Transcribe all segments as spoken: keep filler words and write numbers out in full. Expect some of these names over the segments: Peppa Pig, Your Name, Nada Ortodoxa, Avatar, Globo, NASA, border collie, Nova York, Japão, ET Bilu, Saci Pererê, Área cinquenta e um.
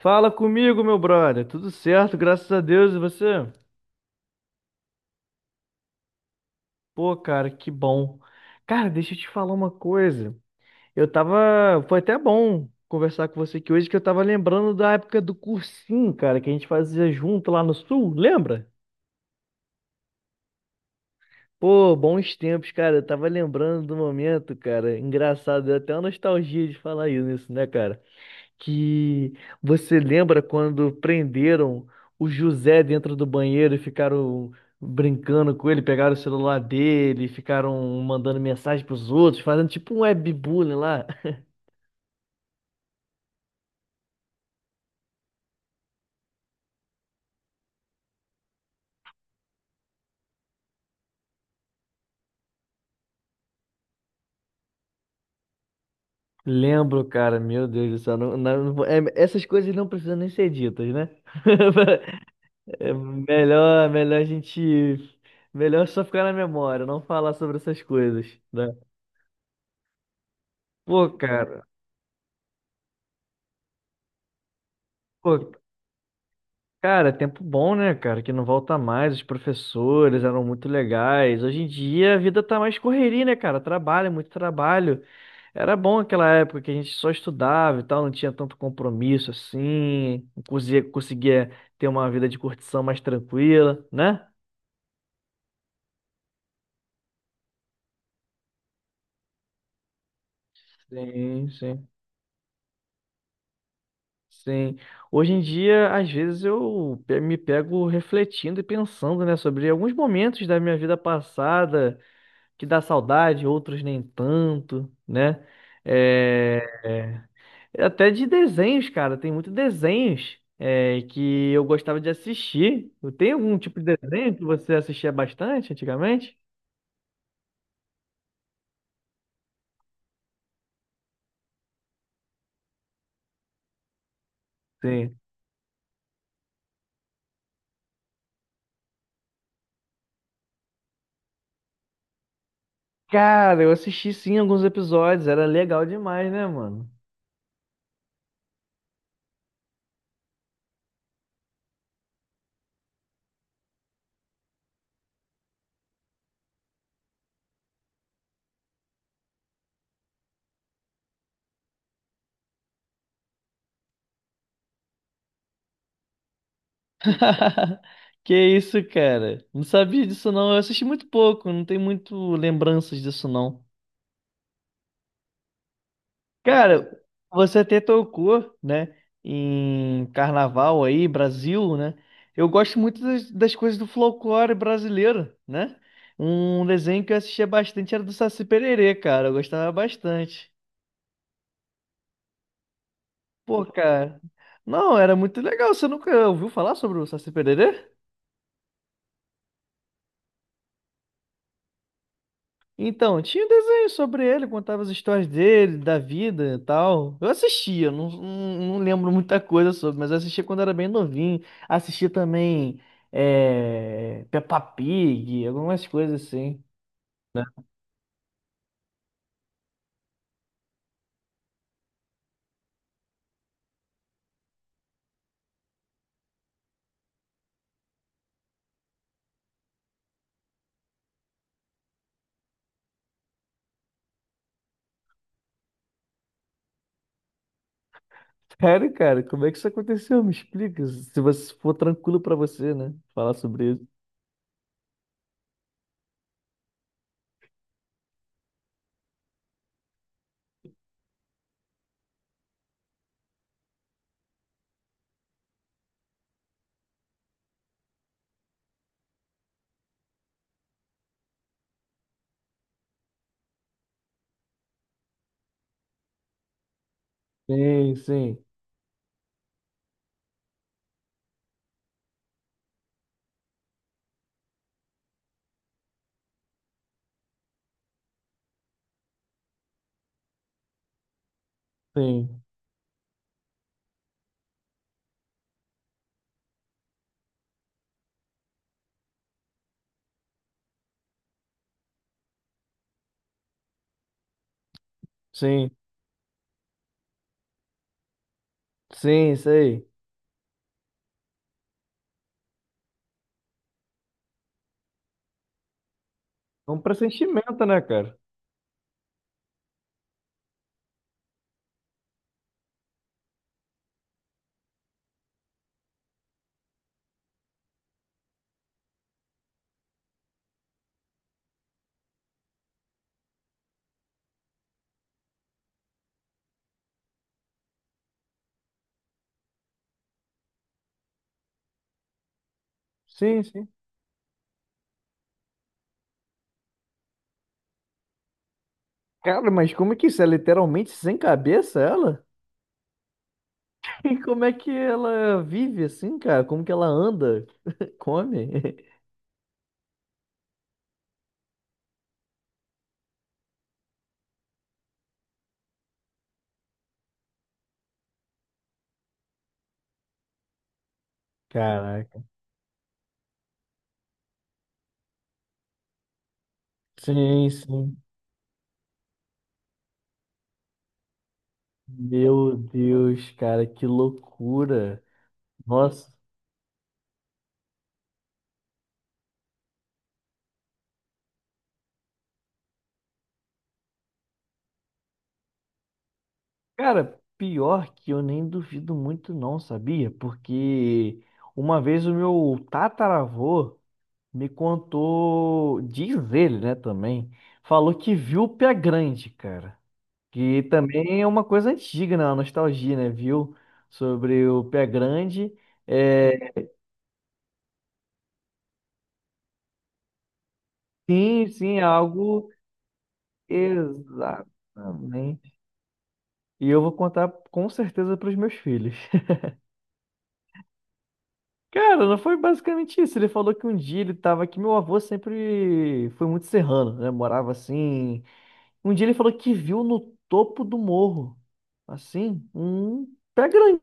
Fala comigo, meu brother. Tudo certo, graças a Deus. E você? Pô, cara, que bom. Cara, deixa eu te falar uma coisa. Eu tava. Foi até bom conversar com você aqui hoje, que eu tava lembrando da época do cursinho, cara, que a gente fazia junto lá no Sul, lembra? Pô, bons tempos, cara. Eu tava lembrando do momento, cara. Engraçado, deu até uma nostalgia de falar isso, né, cara? Que Você lembra quando prenderam o José dentro do banheiro e ficaram brincando com ele, pegaram o celular dele, ficaram mandando mensagem pros outros, fazendo tipo um webbullying lá. Lembro, cara, meu Deus do céu. Não- não- é- essas coisas não precisam nem ser ditas, né? É melhor, melhor a gente. Melhor só ficar na memória, não falar sobre essas coisas, né? Pô, cara. Pô, cara, tempo bom, né, cara? Que não volta mais. Os professores eram muito legais. Hoje em dia a vida tá mais correria, né, cara? Trabalho, é muito trabalho. Era bom aquela época que a gente só estudava e tal, não tinha tanto compromisso assim, conseguia, conseguia ter uma vida de curtição mais tranquila, né? Sim, sim, sim. Hoje em dia, às vezes eu pe- me pego refletindo e pensando, né, sobre alguns momentos da minha vida passada que dá saudade, outros nem tanto, né? É, até de desenhos, cara, tem muitos desenhos é, que eu gostava de assistir. Tem algum tipo de desenho que você assistia bastante antigamente? Sim. Cara, eu assisti sim alguns episódios, era legal demais, né, mano? Que isso, cara? Não sabia disso não. Eu assisti muito pouco, não tenho muito lembranças disso não. Cara, você até tocou, né, em carnaval aí, Brasil, né? Eu gosto muito das, das coisas do folclore brasileiro, né? Um desenho que eu assistia bastante era do Saci Pererê, cara. Eu gostava bastante. Pô, cara. Não, era muito legal. Você nunca ouviu falar sobre o Saci Pererê? Então, tinha um desenho sobre ele, contava as histórias dele, da vida e tal. Eu assistia, não, não, não lembro muita coisa sobre, mas eu assistia quando era bem novinho. Assistia também é, Peppa Pig, algumas coisas assim. Sério, cara, como é que isso aconteceu? Me explica, se você for tranquilo pra você, né? Falar sobre isso. Sim, sim, sim, sim, sim, isso aí. É um pressentimento, né, cara? Sim, sim. Cara, mas como é que isso é literalmente sem cabeça, ela? E como é que ela vive assim, cara? Como que ela anda? Come? Caraca. Sim, sim. Meu Deus, cara, que loucura. Nossa. Cara, pior que eu nem duvido muito não, sabia? Porque uma vez o meu tataravô me contou, diz ele, né, também, falou que viu o pé grande, cara. Que também é uma coisa antiga, né? Uma nostalgia, né? Viu? Sobre o pé grande. É, sim, sim, é algo exatamente. E eu vou contar com certeza para os meus filhos. Cara, não foi basicamente isso. Ele falou que um dia ele tava aqui. Meu avô sempre foi muito serrano, né? Morava assim. Um dia ele falou que viu no topo do morro, assim, um pé grande,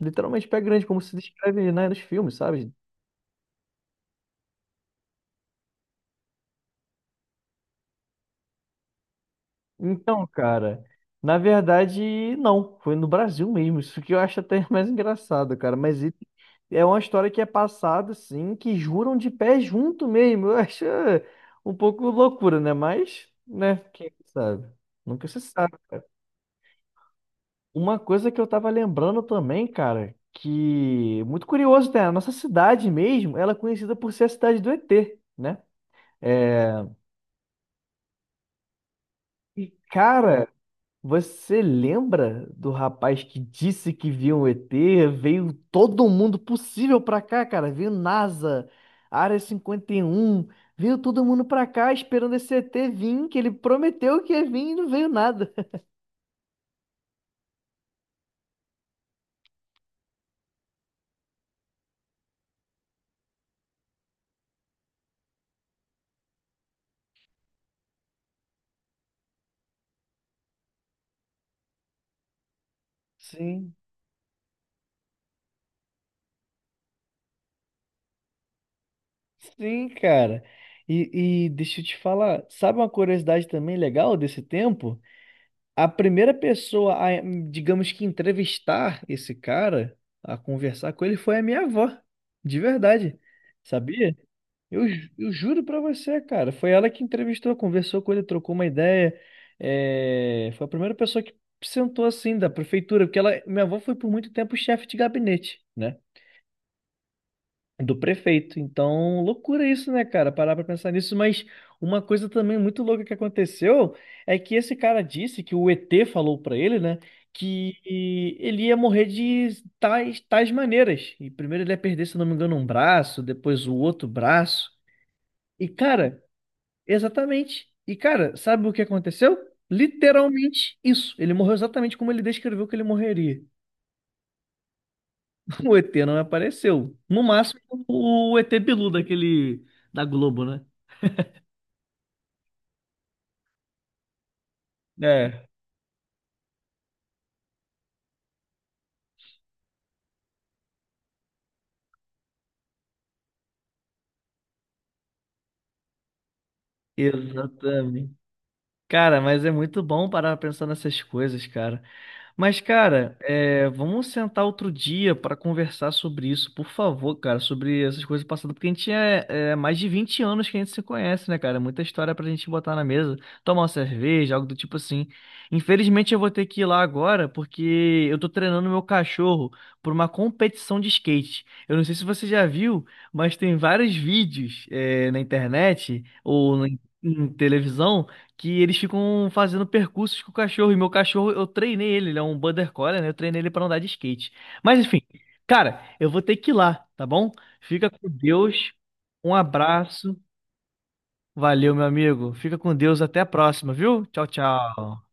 literalmente pé grande, como se descreve, né, nos filmes, sabe? Então, cara, na verdade, não. Foi no Brasil mesmo. Isso que eu acho até mais engraçado, cara. Mas e- é uma história que é passada, assim, que juram de pé junto mesmo. Eu acho eh, um pouco loucura, né? Mas, né? Quem sabe? Nunca se sabe. Uma coisa que eu tava lembrando também, cara, que muito curioso, né? A nossa cidade mesmo, ela é conhecida por ser a cidade do E T, né? É... E, cara. Você lembra do rapaz que disse que viu um E T? Veio todo mundo possível pra cá, cara. Veio NASA, Área cinquenta e um, veio todo mundo pra cá esperando esse E T vir, que ele prometeu que ia vir e não veio nada. Sim, sim, cara. E, e deixa eu te falar, sabe uma curiosidade também legal desse tempo? A primeira pessoa a, hum, digamos que entrevistar esse cara, a conversar com ele, foi a minha avó, de verdade. Sabia? Eu, ju- eu juro pra você, cara. Foi ela que entrevistou, conversou com ele, trocou uma ideia. É, foi a primeira pessoa que sentou assim da prefeitura, porque ela, minha avó foi por muito tempo chefe de gabinete, né? Do prefeito. Então, loucura isso, né, cara? Parar pra pensar nisso. Mas uma coisa também muito louca que aconteceu é que esse cara disse que o E T falou pra ele, né? Que ele ia morrer de tais, tais maneiras. E primeiro ele ia perder, se eu não me engano, um braço, depois o outro braço. E, cara. Exatamente. E, cara, sabe o que aconteceu? Literalmente isso. Ele morreu exatamente como ele descreveu que ele morreria. O E T não apareceu. No máximo, o E T Bilu daquele da Globo, né? É, exatamente. Cara, mas é muito bom parar pra pensar nessas coisas, cara. Mas, cara, é, vamos sentar outro dia para conversar sobre isso, por favor, cara, sobre essas coisas passadas, porque a gente é, é mais de vinte anos que a gente se conhece, né, cara? É muita história pra gente botar na mesa, tomar uma cerveja, algo do tipo assim. Infelizmente, eu vou ter que ir lá agora, porque eu tô treinando meu cachorro por uma competição de skate. Eu não sei se você já viu, mas tem vários vídeos, é, na internet ou na em televisão que eles ficam fazendo percursos com o cachorro. E meu cachorro, eu treinei ele, ele é um border collie, né? Eu treinei ele pra andar de skate. Mas enfim, cara, eu vou ter que ir lá, tá bom? Fica com Deus. Um abraço. Valeu, meu amigo. Fica com Deus. Até a próxima, viu? Tchau, tchau.